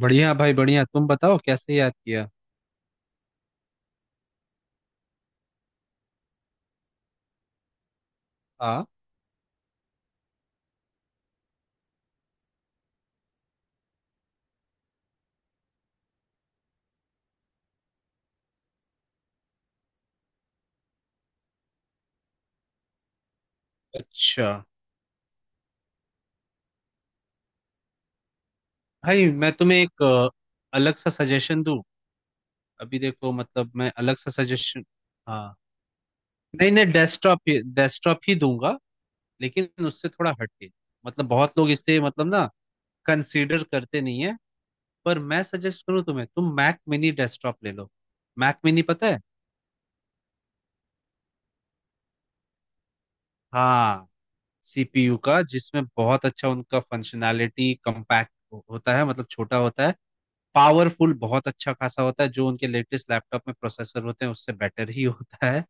बढ़िया भाई बढ़िया। तुम बताओ कैसे याद किया। हाँ, अच्छा। भाई मैं तुम्हें एक अलग सा सजेशन दूं। अभी देखो, मतलब मैं अलग सा सजेशन। हाँ, नहीं नहीं, डेस्कटॉप ही डेस्कटॉप ही दूंगा। लेकिन उससे थोड़ा हटके। मतलब बहुत लोग इसे मतलब ना कंसीडर करते नहीं है। पर मैं सजेस्ट करूँ तुम्हें, तुम मैक मिनी डेस्कटॉप ले लो। मैक मिनी पता है। हाँ, सीपीयू का, जिसमें बहुत अच्छा उनका फंक्शनैलिटी कम्पैक्ट होता है मतलब छोटा होता है। पावरफुल बहुत अच्छा खासा होता है, जो उनके लेटेस्ट लैपटॉप में प्रोसेसर होते हैं उससे बेटर ही होता है।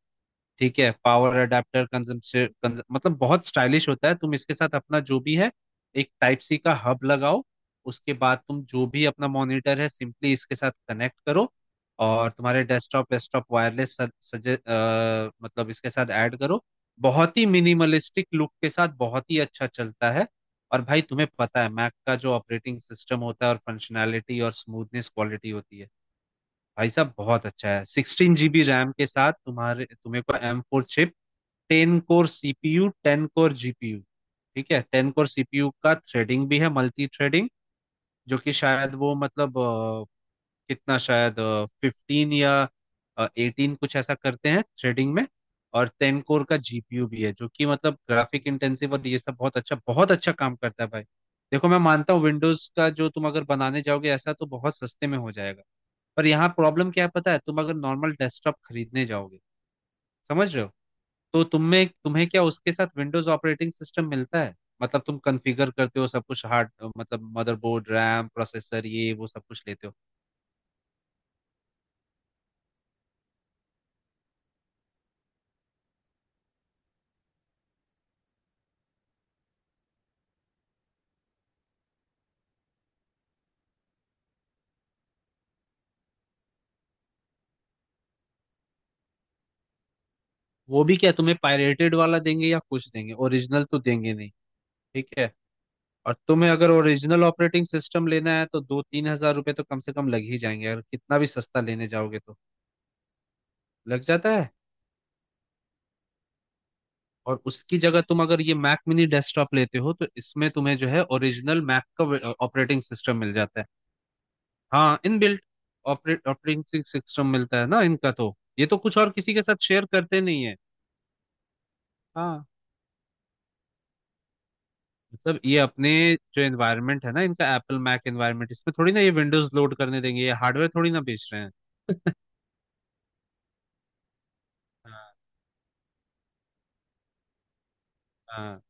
ठीक है। पावर अडेप्टर कंजम्पशन मतलब बहुत स्टाइलिश होता है। तुम इसके साथ अपना जो भी है एक टाइप सी का हब लगाओ। उसके बाद तुम जो भी अपना मॉनिटर है सिंपली इसके साथ कनेक्ट करो। और तुम्हारे डेस्कटॉप वेस्कटॉप वायरलेस मतलब इसके साथ ऐड करो। बहुत ही मिनिमलिस्टिक लुक के साथ बहुत ही अच्छा चलता है। और भाई तुम्हें पता है, मैक का जो ऑपरेटिंग सिस्टम होता है और फंक्शनैलिटी और स्मूथनेस क्वालिटी होती है, भाई साहब बहुत अच्छा है। 16 जीबी रैम के साथ तुम्हारे तुम्हें को M4 chip, 10 core CPU, 10 core GPU. ठीक है। 10 कोर सीपीयू का थ्रेडिंग भी है, मल्टी थ्रेडिंग, जो कि शायद वो कितना शायद 15 या 18 कुछ ऐसा करते हैं थ्रेडिंग में। और 10 कोर का जीपीयू भी है, जो कि मतलब ग्राफिक इंटेंसिव और ये सब बहुत अच्छा काम करता है भाई। देखो, मैं मानता हूँ विंडोज का जो तुम अगर बनाने जाओगे ऐसा तो बहुत सस्ते में हो जाएगा। पर यहाँ प्रॉब्लम क्या है पता है, तुम अगर नॉर्मल डेस्कटॉप खरीदने जाओगे, समझ रहे हो, तो तुम्हें तुम्हें क्या उसके साथ विंडोज ऑपरेटिंग सिस्टम मिलता है? मतलब तुम कॉन्फ़िगर करते हो सब कुछ, हार्ड मतलब मदरबोर्ड, रैम, प्रोसेसर, ये वो सब कुछ लेते हो। वो भी क्या तुम्हें पायरेटेड वाला देंगे या कुछ देंगे, ओरिजिनल तो देंगे नहीं। ठीक है। और तुम्हें अगर ओरिजिनल ऑपरेटिंग सिस्टम लेना है तो 2-3 हज़ार रुपए तो कम से कम लग ही जाएंगे, अगर कितना भी सस्ता लेने जाओगे तो। लग जाता है। और उसकी जगह तुम अगर ये मैक मिनी डेस्कटॉप लेते हो तो इसमें तुम्हें जो है ओरिजिनल मैक का ऑपरेटिंग सिस्टम मिल जाता है। हाँ इनबिल्ट ऑपरेटिंग सिस्टम मिलता है ना इनका, तो ये तो कुछ और किसी के साथ शेयर करते नहीं है। हाँ, मतलब ये अपने जो एनवायरनमेंट है ना इनका, एप्पल मैक एनवायरनमेंट, इसमें थोड़ी ना ये विंडोज लोड करने देंगे, ये हार्डवेयर थोड़ी ना बेच रहे हैं। हाँ।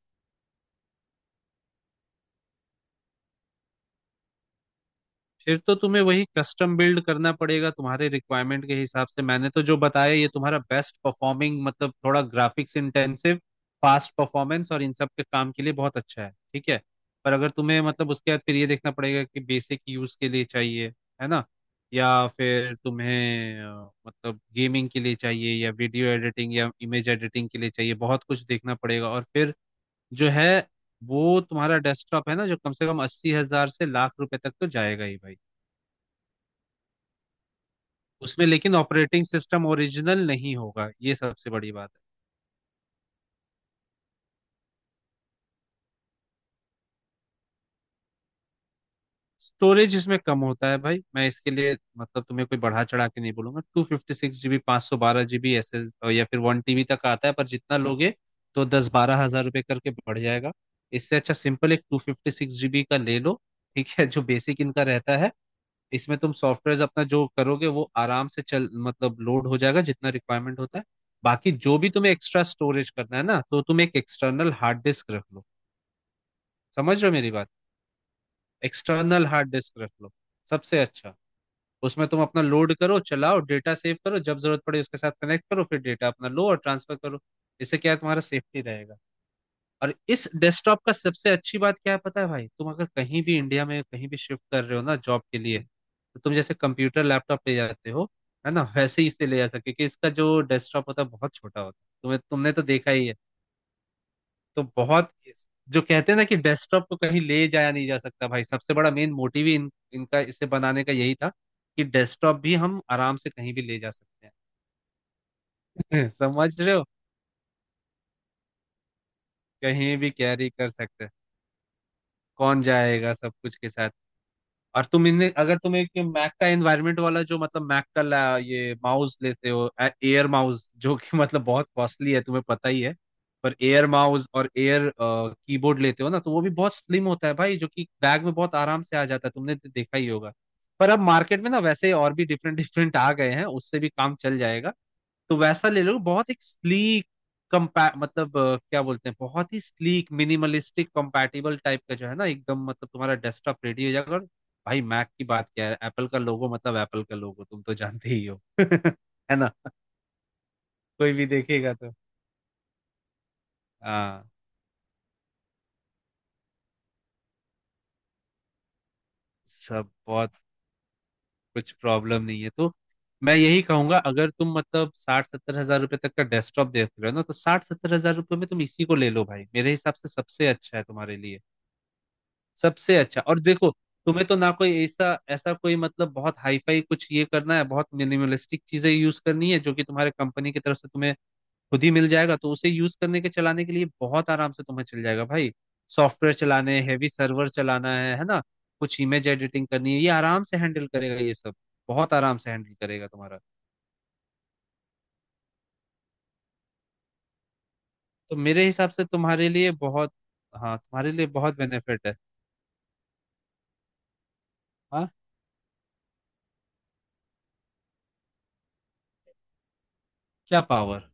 फिर तो तुम्हें वही कस्टम बिल्ड करना पड़ेगा तुम्हारे रिक्वायरमेंट के हिसाब से। मैंने तो जो बताया ये तुम्हारा बेस्ट परफॉर्मिंग, मतलब थोड़ा ग्राफिक्स इंटेंसिव, फास्ट परफॉर्मेंस और इन सब के काम के लिए बहुत अच्छा है, ठीक है। पर अगर तुम्हें मतलब उसके बाद फिर ये देखना पड़ेगा कि बेसिक यूज के लिए चाहिए, है ना, या फिर तुम्हें मतलब गेमिंग के लिए चाहिए या वीडियो एडिटिंग या इमेज एडिटिंग के लिए चाहिए, बहुत कुछ देखना पड़ेगा। और फिर जो है, वो तुम्हारा डेस्कटॉप है ना, जो कम से कम 80 हज़ार से लाख रुपए तक तो जाएगा ही भाई। उसमें लेकिन ऑपरेटिंग सिस्टम ओरिजिनल नहीं होगा, ये सबसे बड़ी बात है। स्टोरेज इसमें कम होता है भाई, मैं इसके लिए मतलब तुम्हें कोई बढ़ा चढ़ा के नहीं बोलूंगा। 256 जीबी, 512 जीबी एस एस, या फिर 1 टीबी तक आता है, पर जितना लोगे तो 10-12 हज़ार रुपए करके बढ़ जाएगा। इससे अच्छा सिंपल एक 256 जीबी का ले लो, ठीक है, जो बेसिक इनका रहता है। इसमें तुम सॉफ्टवेयर अपना जो करोगे वो आराम से चल, मतलब लोड हो जाएगा, जितना रिक्वायरमेंट होता है। बाकी जो भी तुम्हें एक्स्ट्रा स्टोरेज करना है ना, तो तुम एक एक्सटर्नल हार्ड डिस्क रख लो। समझ रहे हो मेरी बात? एक्सटर्नल हार्ड डिस्क रख लो, सबसे अच्छा। उसमें तुम अपना लोड करो, चलाओ, डेटा सेव करो, जब जरूरत पड़े उसके साथ कनेक्ट करो, फिर डेटा अपना लो और ट्रांसफर करो। इससे क्या है, तुम्हारा सेफ्टी रहेगा। और इस डेस्कटॉप का सबसे अच्छी बात क्या है पता है भाई, तुम अगर कहीं भी इंडिया में कहीं भी शिफ्ट कर रहे हो ना जॉब के लिए, तो तुम जैसे कंप्यूटर लैपटॉप ले जाते हो, है ना, वैसे ही इसे ले जा सकते हो, क्योंकि इसका जो डेस्कटॉप होता है बहुत छोटा होता है, तुम्हें तुमने तो देखा ही है। तो बहुत, जो कहते हैं ना कि डेस्कटॉप को कहीं ले जाया नहीं जा सकता भाई, सबसे बड़ा मेन मोटिव ही इनका इसे बनाने का यही था कि डेस्कटॉप भी हम आराम से कहीं भी ले जा सकते हैं। समझ रहे हो, कहीं भी कैरी कर सकते हैं। कौन जाएगा सब कुछ के साथ? और तुम इन्हें अगर तुम एक मैक का एनवायरनमेंट वाला जो मतलब मैक का ये माउस लेते हो, एयर माउस, जो कि मतलब बहुत कॉस्टली है तुम्हें पता ही है। पर एयर माउस और एयर कीबोर्ड लेते हो ना तो वो भी बहुत स्लिम होता है भाई, जो कि बैग में बहुत आराम से आ जाता है, तुमने तो देखा ही होगा। पर अब मार्केट में ना वैसे और भी डिफरेंट डिफरेंट आ गए हैं, उससे भी काम चल जाएगा। तो वैसा ले लो, बहुत एक स्लीक क्या बोलते हैं, बहुत ही स्लीक मिनिमलिस्टिक कंपैटिबल टाइप का जो है ना, एकदम मतलब तुम्हारा डेस्कटॉप रेडी हो जाएगा। और भाई मैक की बात क्या है, एप्पल का लोगो, मतलब एप्पल का लोगो तुम तो जानते ही हो। है ना, कोई भी देखेगा तो। हाँ, सब बहुत, कुछ प्रॉब्लम नहीं है तो। मैं यही कहूंगा, अगर तुम मतलब 60-70 हज़ार रुपए तक का डेस्कटॉप देख रहे हो ना, तो 60-70 हज़ार रुपए में तुम इसी को ले लो भाई, मेरे हिसाब से सबसे अच्छा है तुम्हारे लिए। सबसे अच्छा। और देखो, तुम्हें तो ना कोई ऐसा ऐसा, कोई मतलब बहुत हाई फाई कुछ ये करना है, बहुत मिनिमलिस्टिक चीजें यूज करनी है, जो कि तुम्हारे कंपनी की तरफ से तुम्हें खुद ही मिल जाएगा, तो उसे यूज करने के, चलाने के लिए बहुत आराम से तुम्हें चल जाएगा भाई। सॉफ्टवेयर चलाने, हैवी सर्वर चलाना है ना, कुछ इमेज एडिटिंग करनी है, ये आराम से हैंडल करेगा ये सब। बहुत आराम से हैंडल करेगा तुम्हारा। तो मेरे हिसाब से तुम्हारे लिए बहुत, हाँ तुम्हारे लिए बहुत बेनिफिट है। हाँ। क्या पावर?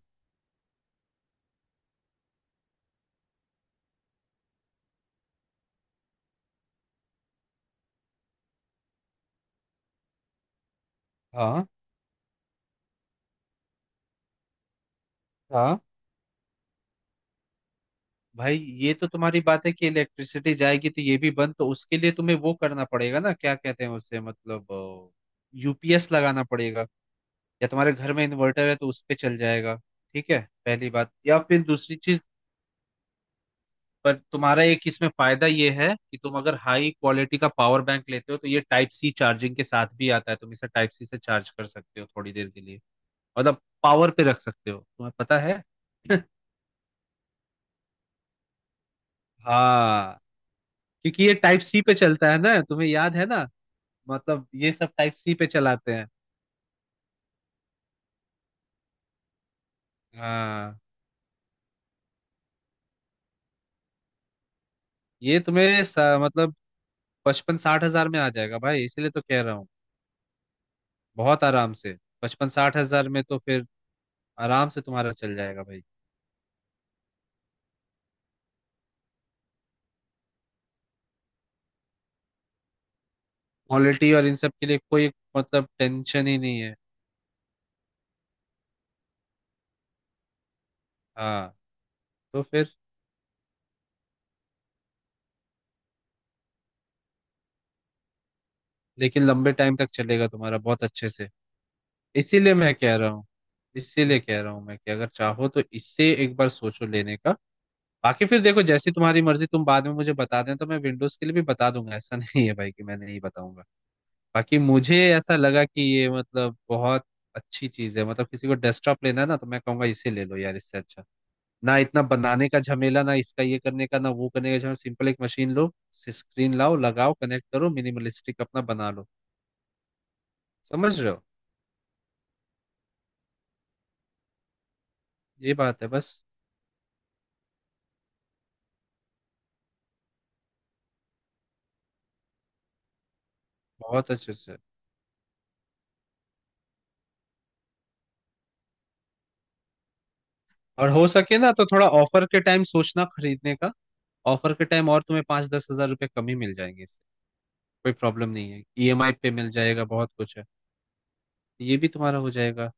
हाँ हाँ भाई, ये तो तुम्हारी बात है कि इलेक्ट्रिसिटी जाएगी तो ये भी बंद, तो उसके लिए तुम्हें वो करना पड़ेगा ना, क्या कहते हैं उससे, मतलब यूपीएस लगाना पड़ेगा, या तुम्हारे घर में इन्वर्टर है तो उस पे चल जाएगा। ठीक है पहली बात, या फिर दूसरी चीज पर तुम्हारा एक इसमें फायदा ये है कि तुम अगर हाई क्वालिटी का पावर बैंक लेते हो तो ये टाइप सी चार्जिंग के साथ भी आता है, तुम इसे टाइप सी से चार्ज कर सकते हो थोड़ी देर के लिए, मतलब पावर पे रख सकते हो, तुम्हें पता है। हाँ, क्योंकि ये टाइप सी पे चलता है ना, तुम्हें याद है ना, मतलब ये सब टाइप सी पे चलाते हैं। हाँ। ये तुम्हें मतलब 55-60 हज़ार में आ जाएगा भाई, इसीलिए तो कह रहा हूँ। बहुत आराम से 55-60 हज़ार में तो फिर आराम से तुम्हारा चल जाएगा भाई। क्वालिटी और इन सब के लिए कोई मतलब टेंशन ही नहीं है। हाँ, तो फिर लेकिन लंबे टाइम तक चलेगा तुम्हारा बहुत अच्छे से। इसीलिए मैं कह रहा हूँ, इसीलिए कह रहा हूँ मैं, कि अगर चाहो तो इससे एक बार सोचो लेने का। बाकी फिर देखो, जैसी तुम्हारी मर्जी, तुम बाद में मुझे बता दें तो मैं विंडोज के लिए भी बता दूंगा, ऐसा नहीं है भाई कि मैं नहीं बताऊंगा। बाकी मुझे ऐसा लगा कि ये मतलब बहुत अच्छी चीज है, मतलब किसी को डेस्कटॉप लेना है ना, तो मैं कहूंगा इसे ले लो यार, इससे अच्छा। ना इतना बनाने का झमेला, ना इसका ये करने का, ना वो करने का झमेला, सिंपल एक मशीन लो, स्क्रीन लाओ, लगाओ, कनेक्ट करो, मिनिमलिस्टिक अपना बना लो। समझ रहे हो, ये बात है बस, बहुत अच्छे से। और हो सके ना तो थोड़ा ऑफर के टाइम सोचना खरीदने का। ऑफर के टाइम और तुम्हें 5-10 हज़ार रुपए कम ही मिल जाएंगे इससे। कोई प्रॉब्लम नहीं है, ईएमआई पे मिल जाएगा बहुत कुछ है। ये भी तुम्हारा हो जाएगा।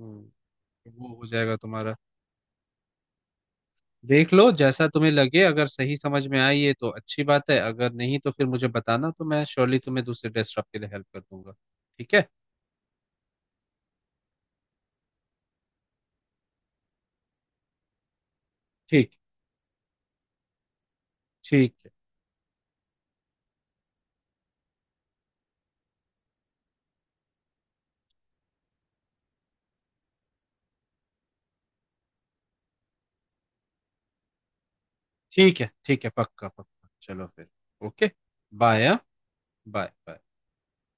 हम्म, वो हो जाएगा तुम्हारा। देख लो, जैसा तुम्हें लगे, अगर सही समझ में आई है तो अच्छी बात है, अगर नहीं तो फिर मुझे बताना, तो मैं श्योरली तुम्हें दूसरे ड्रेस शॉप के लिए हेल्प कर दूंगा। ठीक है। ठीक। ठीक है। ठीक है। ठीक है पक्का पक्का, चलो फिर। Okay, bye. Bye bye.